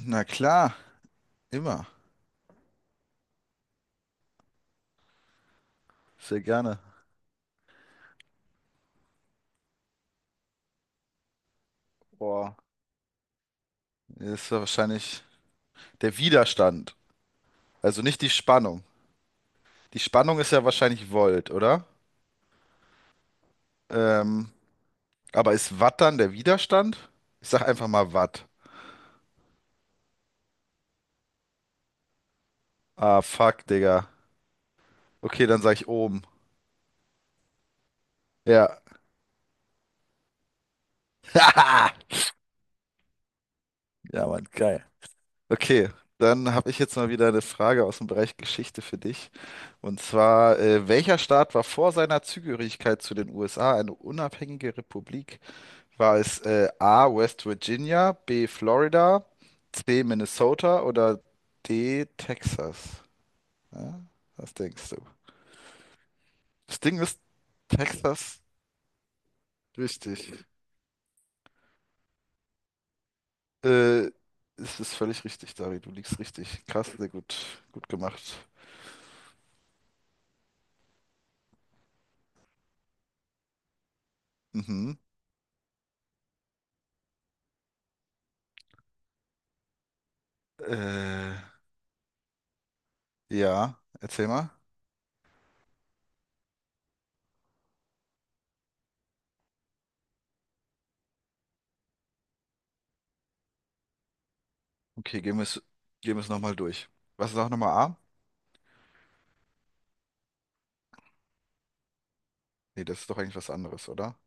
Na klar, immer. Sehr gerne. Boah, das ist ja wahrscheinlich der Widerstand. Also nicht die Spannung. Die Spannung ist ja wahrscheinlich Volt, oder? Ähm, aber ist Watt dann der Widerstand? Ich sag einfach mal Watt. Ah, fuck, Digga. Okay, dann sag ich Ohm. Ja. Ja, Mann, geil. Okay, dann habe ich jetzt mal wieder eine Frage aus dem Bereich Geschichte für dich. Und zwar, welcher Staat war vor seiner Zugehörigkeit zu den USA eine unabhängige Republik? War es A, West Virginia, B, Florida, C, Minnesota oder D, Texas? Ja, was denkst du? Das Ding ist Texas richtig. Äh, es ist völlig richtig, Dari, du liegst richtig. Krass, sehr gut, gut gemacht. Mhm. Äh, ja, erzähl mal. Okay, gehen wir es nochmal durch. Was ist auch nochmal A? Nee, das ist doch eigentlich was anderes, oder?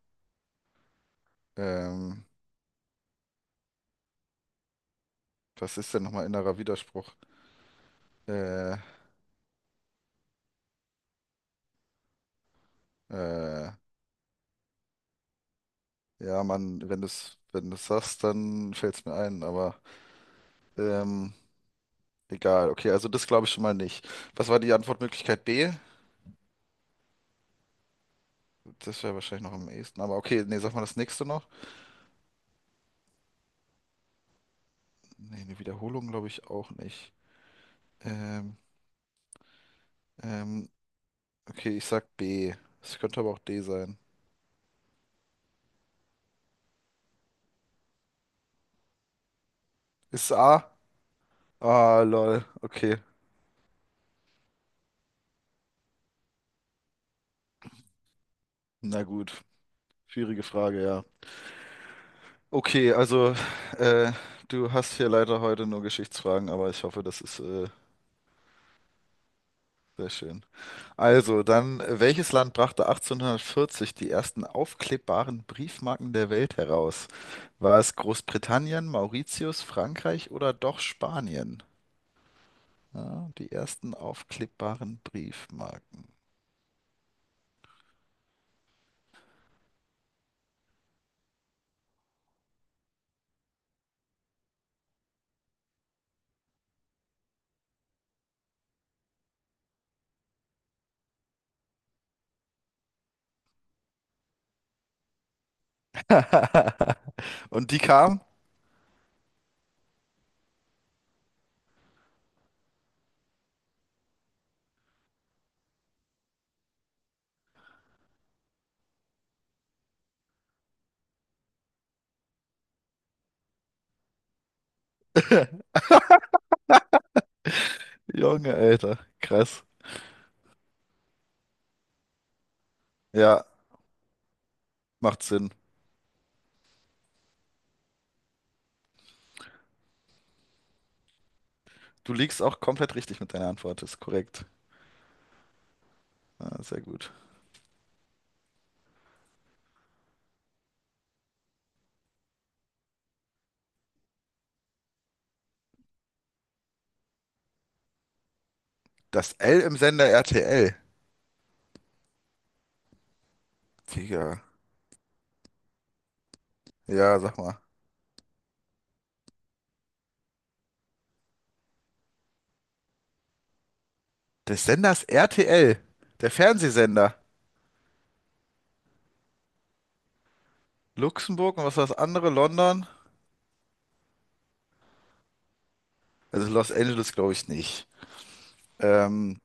Ähm, was ist denn nochmal innerer Widerspruch? Äh, äh, Ja, Mann, wenn du es wenn du's sagst, dann fällt es mir ein, aber ähm, egal. Okay, also das glaube ich schon mal nicht. Was war die Antwortmöglichkeit B? Das wäre wahrscheinlich noch am ehesten, aber okay, nee, sag mal das nächste noch. Nee, eine Wiederholung glaube ich auch nicht. Ähm, ähm, okay, ich sag B. Es könnte aber auch D sein. Ist es A? Ah, lol. Okay, na gut. Schwierige Frage, ja. Okay, also äh, du hast hier leider heute nur Geschichtsfragen, aber ich hoffe, das ist sehr schön. Also, dann, welches Land brachte 1840 die ersten aufklebbaren Briefmarken der Welt heraus? War es Großbritannien, Mauritius, Frankreich oder doch Spanien? Ja, die ersten aufklebbaren Briefmarken. Und die kam? Junge, Alter, krass. Ja, macht Sinn. Du liegst auch komplett richtig mit deiner Antwort, ist korrekt. Ja, sehr gut. Das L im Sender RTL. Digga. Ja, sag mal. Des Senders RTL. Der Fernsehsender. Luxemburg und was war das andere? London? Also Los Angeles glaube ich nicht. Ähm,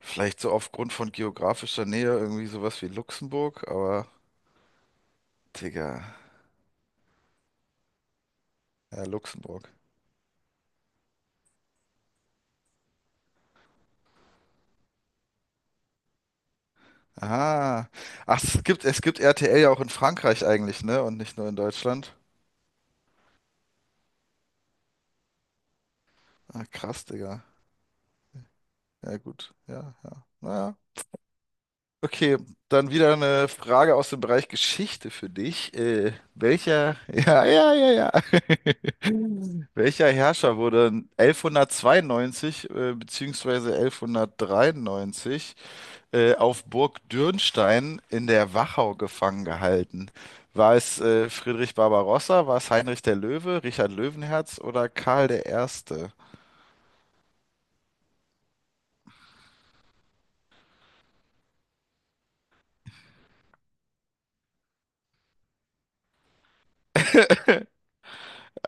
vielleicht so aufgrund von geografischer Nähe irgendwie sowas wie Luxemburg, aber Digga, ja, Luxemburg. Aha. Ach, es gibt RTL ja auch in Frankreich eigentlich, ne? Und nicht nur in Deutschland. Ah, krass, Digga. Ja, gut. Ja, ja. Naja. Okay, dann wieder eine Frage aus dem Bereich Geschichte für dich. Welcher? Ja, ja, ja, ja. Welcher Herrscher wurde 1192 bzw. 1193 auf Burg Dürnstein in der Wachau gefangen gehalten? War es Friedrich Barbarossa, war es Heinrich der Löwe, Richard Löwenherz oder Karl der Erste?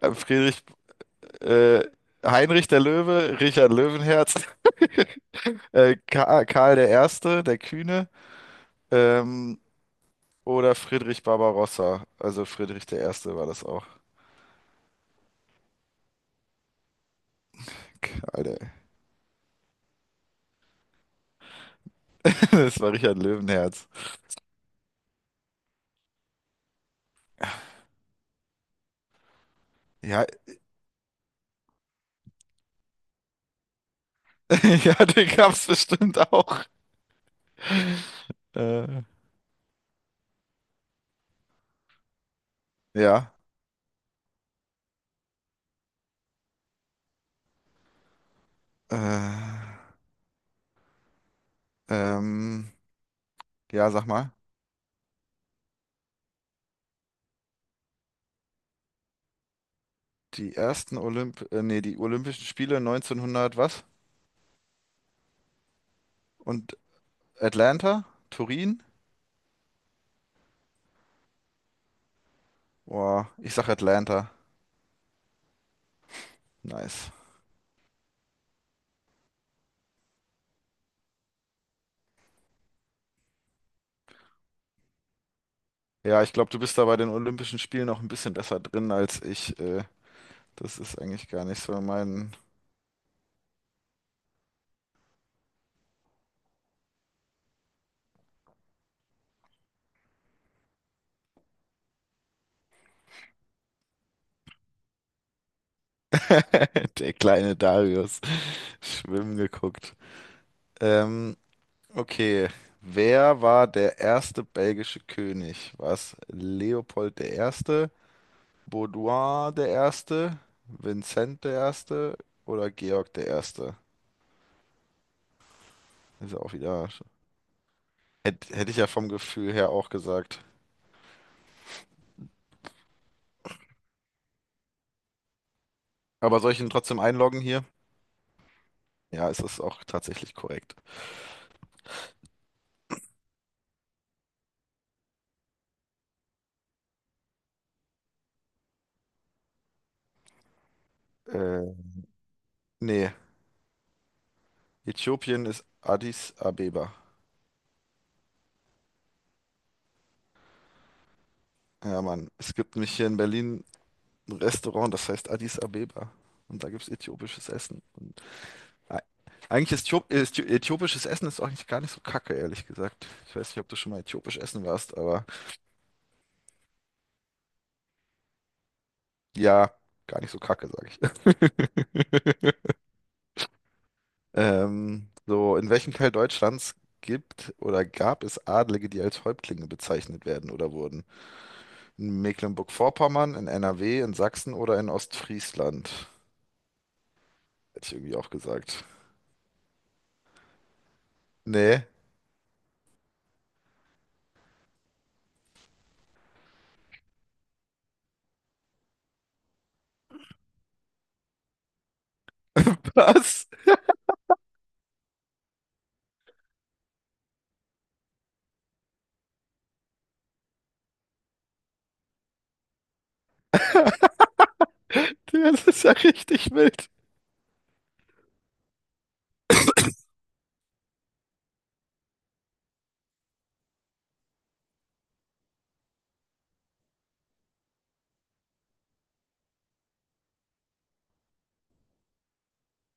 Äh, Friedrich, äh, Heinrich der Löwe, Richard Löwenherz, Ka Karl der Erste, der Kühne, ähm, oder Friedrich Barbarossa. Also Friedrich der Erste war das auch. Karl der. Das war Richard Löwenherz. Ja, ja, den gab's bestimmt auch. Äh, ja, äh, ähm, ja, sag mal. Die Olympischen Spiele 1900 was? Und Atlanta? Turin? Boah, ich sag Atlanta. Nice. Ja, ich glaube, du bist da bei den Olympischen Spielen noch ein bisschen besser drin als ich. Das ist eigentlich gar nicht so mein. Der kleine Darius. Schwimmen geguckt. Ähm, Okay, wer war der erste belgische König? War es Leopold der Erste, Baudouin der Erste, Vincent der Erste oder Georg der Erste? Ist ja auch wieder. Hätte ich ja vom Gefühl her auch gesagt. Aber soll ich ihn trotzdem einloggen hier? Ja, es ist auch tatsächlich korrekt. Äh, nee, Äthiopien ist Addis Abeba. Ja, Mann, es gibt nämlich hier in Berlin ein Restaurant, das heißt Addis Abeba. Und da gibt es äthiopisches Essen. Ei- Eigentlich ist Äthiop- Äthi- äthiopisches Essen ist auch nicht, gar nicht so kacke, ehrlich gesagt. Ich weiß nicht, ob du schon mal äthiopisch essen warst, aber ja, gar nicht so kacke, sag ich. So, in welchem Teil Deutschlands gibt oder gab es Adlige, die als Häuptlinge bezeichnet werden oder wurden? In Mecklenburg-Vorpommern, in NRW, in Sachsen oder in Ostfriesland? Hätte ich irgendwie auch gesagt. Nee. Was? das ist ja richtig wild.